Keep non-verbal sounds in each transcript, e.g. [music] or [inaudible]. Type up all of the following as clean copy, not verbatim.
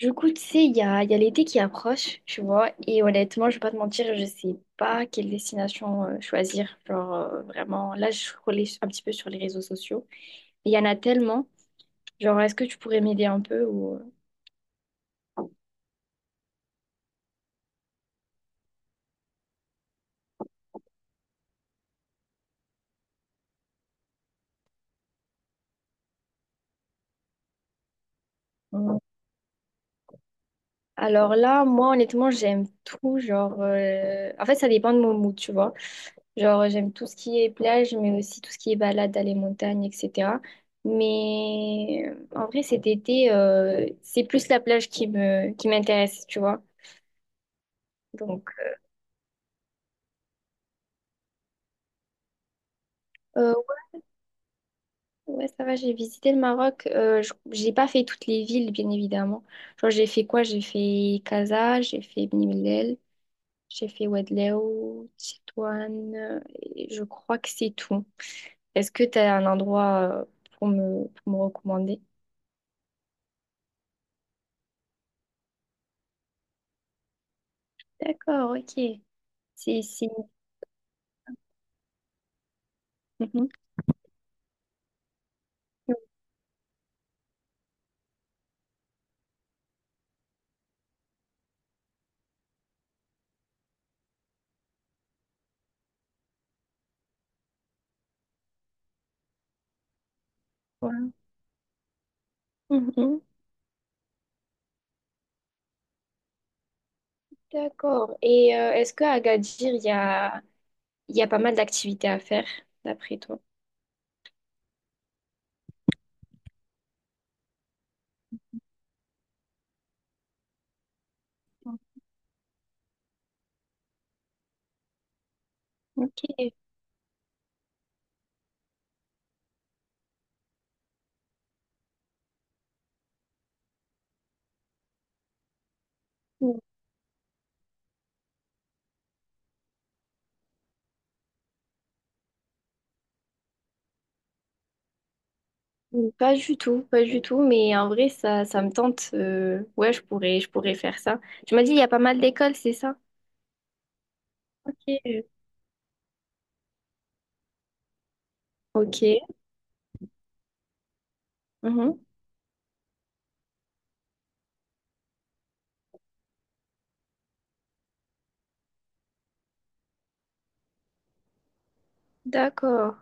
Du coup, tu sais, il y a l'été qui approche, tu vois, et honnêtement, je vais pas te mentir, je sais pas quelle destination choisir. Genre, vraiment, là, je scrollais un petit peu sur les réseaux sociaux. Il y en a tellement. Genre, est-ce que tu pourrais m'aider un peu ou... Alors là, moi, honnêtement, j'aime tout. Genre, en fait, ça dépend de mon mood, tu vois. Genre, j'aime tout ce qui est plage, mais aussi tout ce qui est balade aller montagne montagnes, etc. Mais en vrai, cet été, c'est plus la plage qui m'intéresse, tu vois. Donc, euh, ouais, ouais, ça va, j'ai visité le Maroc. J'ai pas fait toutes les villes, bien évidemment. Genre, j'ai fait quoi? J'ai fait Casa, j'ai fait Beni Mellel, j'ai fait Ouadélouo, Tétouan, et je crois que c'est tout. Est-ce que tu as un endroit pour pour me recommander? D'accord, ok. C'est ici. Mhm. Voilà. Mhm. D'accord. Et est-ce qu'à Agadir, il y a pas mal d'activités à faire, d'après toi? Ok. Mm, pas du tout, pas du tout, mais en vrai, ça me tente. Ouais, je pourrais faire ça. Tu m'as dit, il y a pas mal d'écoles, c'est ça? Ok. Ok. Mhm. D'accord.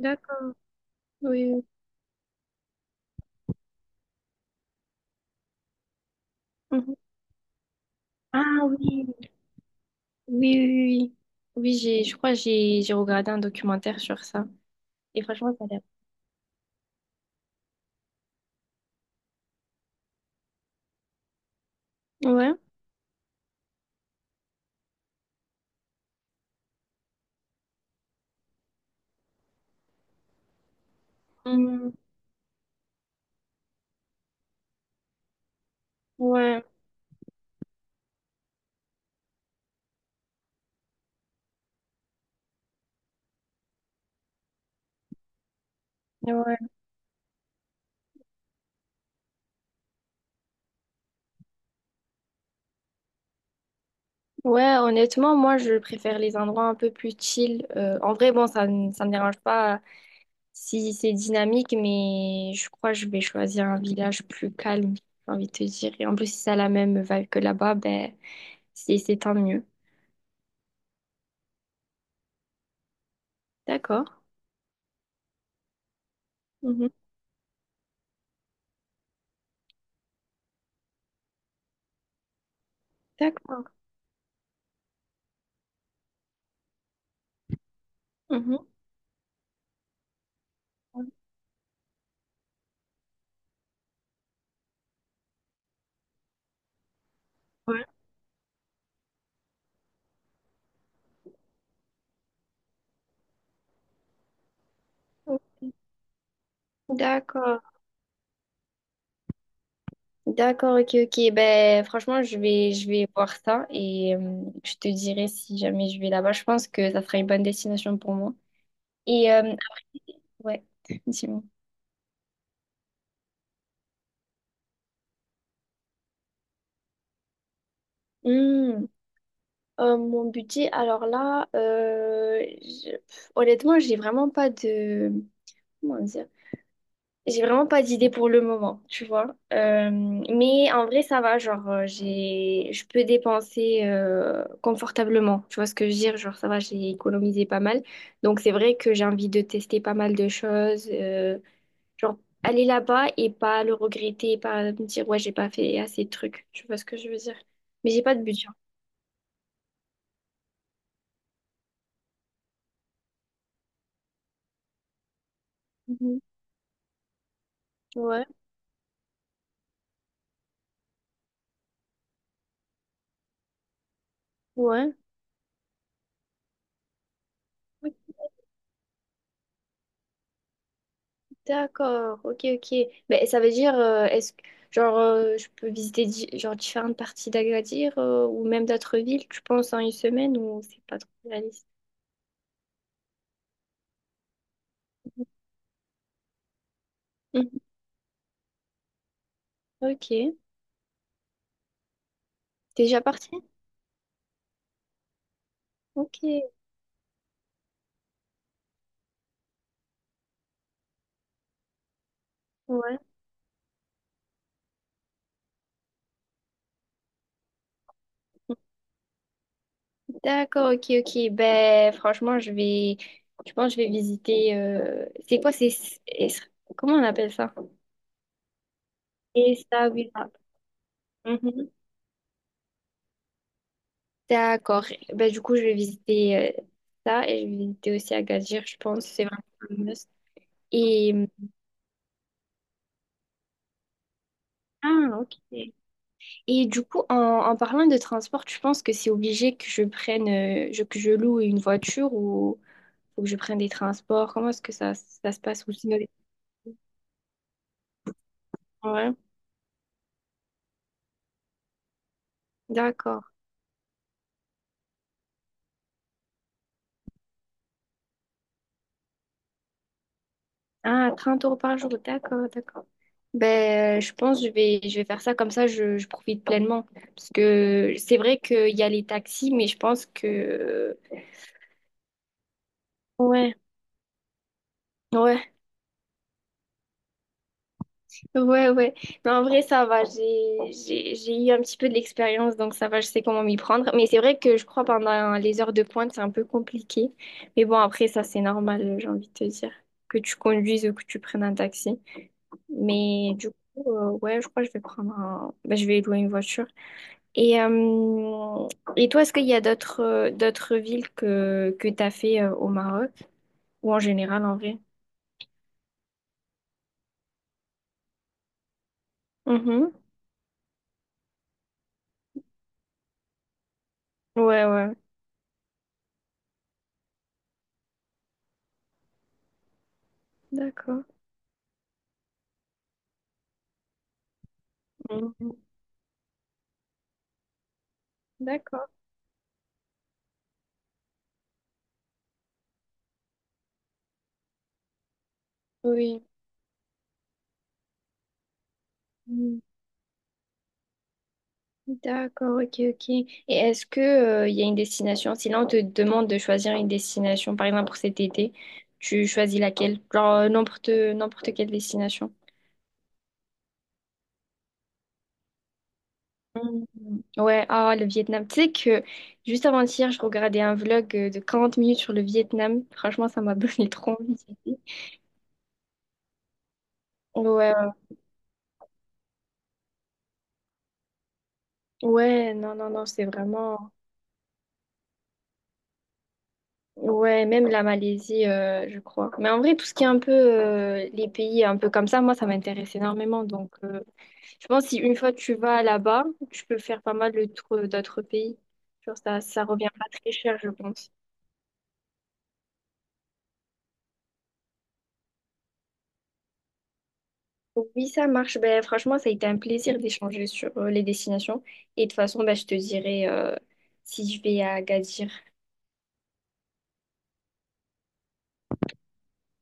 D'accord. Oui. Mhm. Ah oui. Oui, oui, oui. Oui, oui, j'ai, je crois que j'ai regardé un documentaire sur ça. Et franchement, ça a l'air. Ouais. Hmm. Ouais. Ouais. Ouais, honnêtement, moi, je préfère les endroits un peu plus chill. En vrai, bon, ça me dérange pas si c'est dynamique, mais je crois que je vais choisir un village plus calme, j'ai envie de te dire. Et en plus, si ça a la même vibe que là-bas, ben, c'est tant mieux. D'accord. Mhm. D'accord. Mhm. Ouais. D'accord. D'accord, ok, ok. Ben, franchement, je vais voir ça et je te dirai si jamais je vais là-bas. Je pense que ça sera une bonne destination pour moi. Et ouais, effectivement. Hmm, mon budget, alors là, honnêtement, j'ai vraiment pas de... comment dire. J'ai vraiment pas d'idée pour le moment, tu vois. Mais en vrai, ça va. Genre, je peux dépenser confortablement. Tu vois ce que je veux dire? Genre, ça va, j'ai économisé pas mal. Donc, c'est vrai que j'ai envie de tester pas mal de choses. Genre, aller là-bas et pas le regretter, pas me dire, ouais, j'ai pas fait assez de trucs. Tu vois ce que je veux dire? Mais j'ai pas de budget. Mhm. Ouais, ouais. D'accord, ok, ok. Mais ça veut dire, est-ce que, genre, je peux visiter genre, différentes parties d'Agadir ou même d'autres villes, tu penses, en une semaine ou c'est pas trop réaliste? Mhm. Ok. T'es déjà parti? Ok, ouais. D'accord, ok, ok. Ben, franchement, je vais, je pense, que je vais visiter. C'est quoi, es- comment on appelle ça? Et ça, oui, ça. Mhm. D'accord. Ben, du coup, je vais visiter ça et je vais visiter aussi Agadir, je pense. C'est vraiment. Un must. Et, ah, ok. Et du coup, en parlant de transport, tu penses que c'est obligé que je prenne, que je loue une voiture ou faut que je prenne des transports? Comment est-ce que ça se passe aussi? Dans les- Ouais, d'accord. Ah, 30 euros par jour, d'accord, d'accord. Ben, je pense que je vais faire ça comme ça, je profite pleinement. Parce que c'est vrai qu'il y a les taxis, mais je pense que... Ouais, ouais. Ouais, ouais. Non, en vrai, ça va. J'ai eu un petit peu de l'expérience, donc ça va, je sais comment m'y prendre. Mais c'est vrai que je crois pendant les heures de pointe, c'est un peu compliqué. Mais bon, après, ça, c'est normal, j'ai envie de te dire. Que tu conduises ou que tu prennes un taxi. Mais du coup, ouais, je crois que je vais prendre un... ben, je vais louer une voiture. Et, euh, et toi, est-ce qu'il y a d'autres villes que tu as fait au Maroc? Ou en général, en vrai? Mhm. Ouais, ouais. D'accord. Mhm. D'accord. Oui. Mm. D'accord, ok, ok. Et est-ce que, il y a une destination? Si là, on te demande de choisir une destination, par exemple pour cet été, tu choisis laquelle? Genre, n'importe quelle destination. Mm. Ouais, ah, le Vietnam. Tu sais que juste avant-hier, je regardais un vlog de 40 minutes sur le Vietnam. Franchement, ça m'a donné [laughs] trop envie d'y aller. Ouais, ouais, non, non, non, c'est vraiment... Ouais, même la Malaisie, je crois. Mais en vrai, tout ce qui est un peu les pays un peu comme ça, moi, ça m'intéresse énormément. Donc, je pense que si une fois tu vas là-bas, tu peux faire pas mal de tours d'autres pays. Genre ça, ça revient pas très cher, je pense. Oui, ça marche. Ben, franchement, ça a été un plaisir d'échanger sur les destinations. Et de toute façon, ben, je te dirai si je vais à Agadir.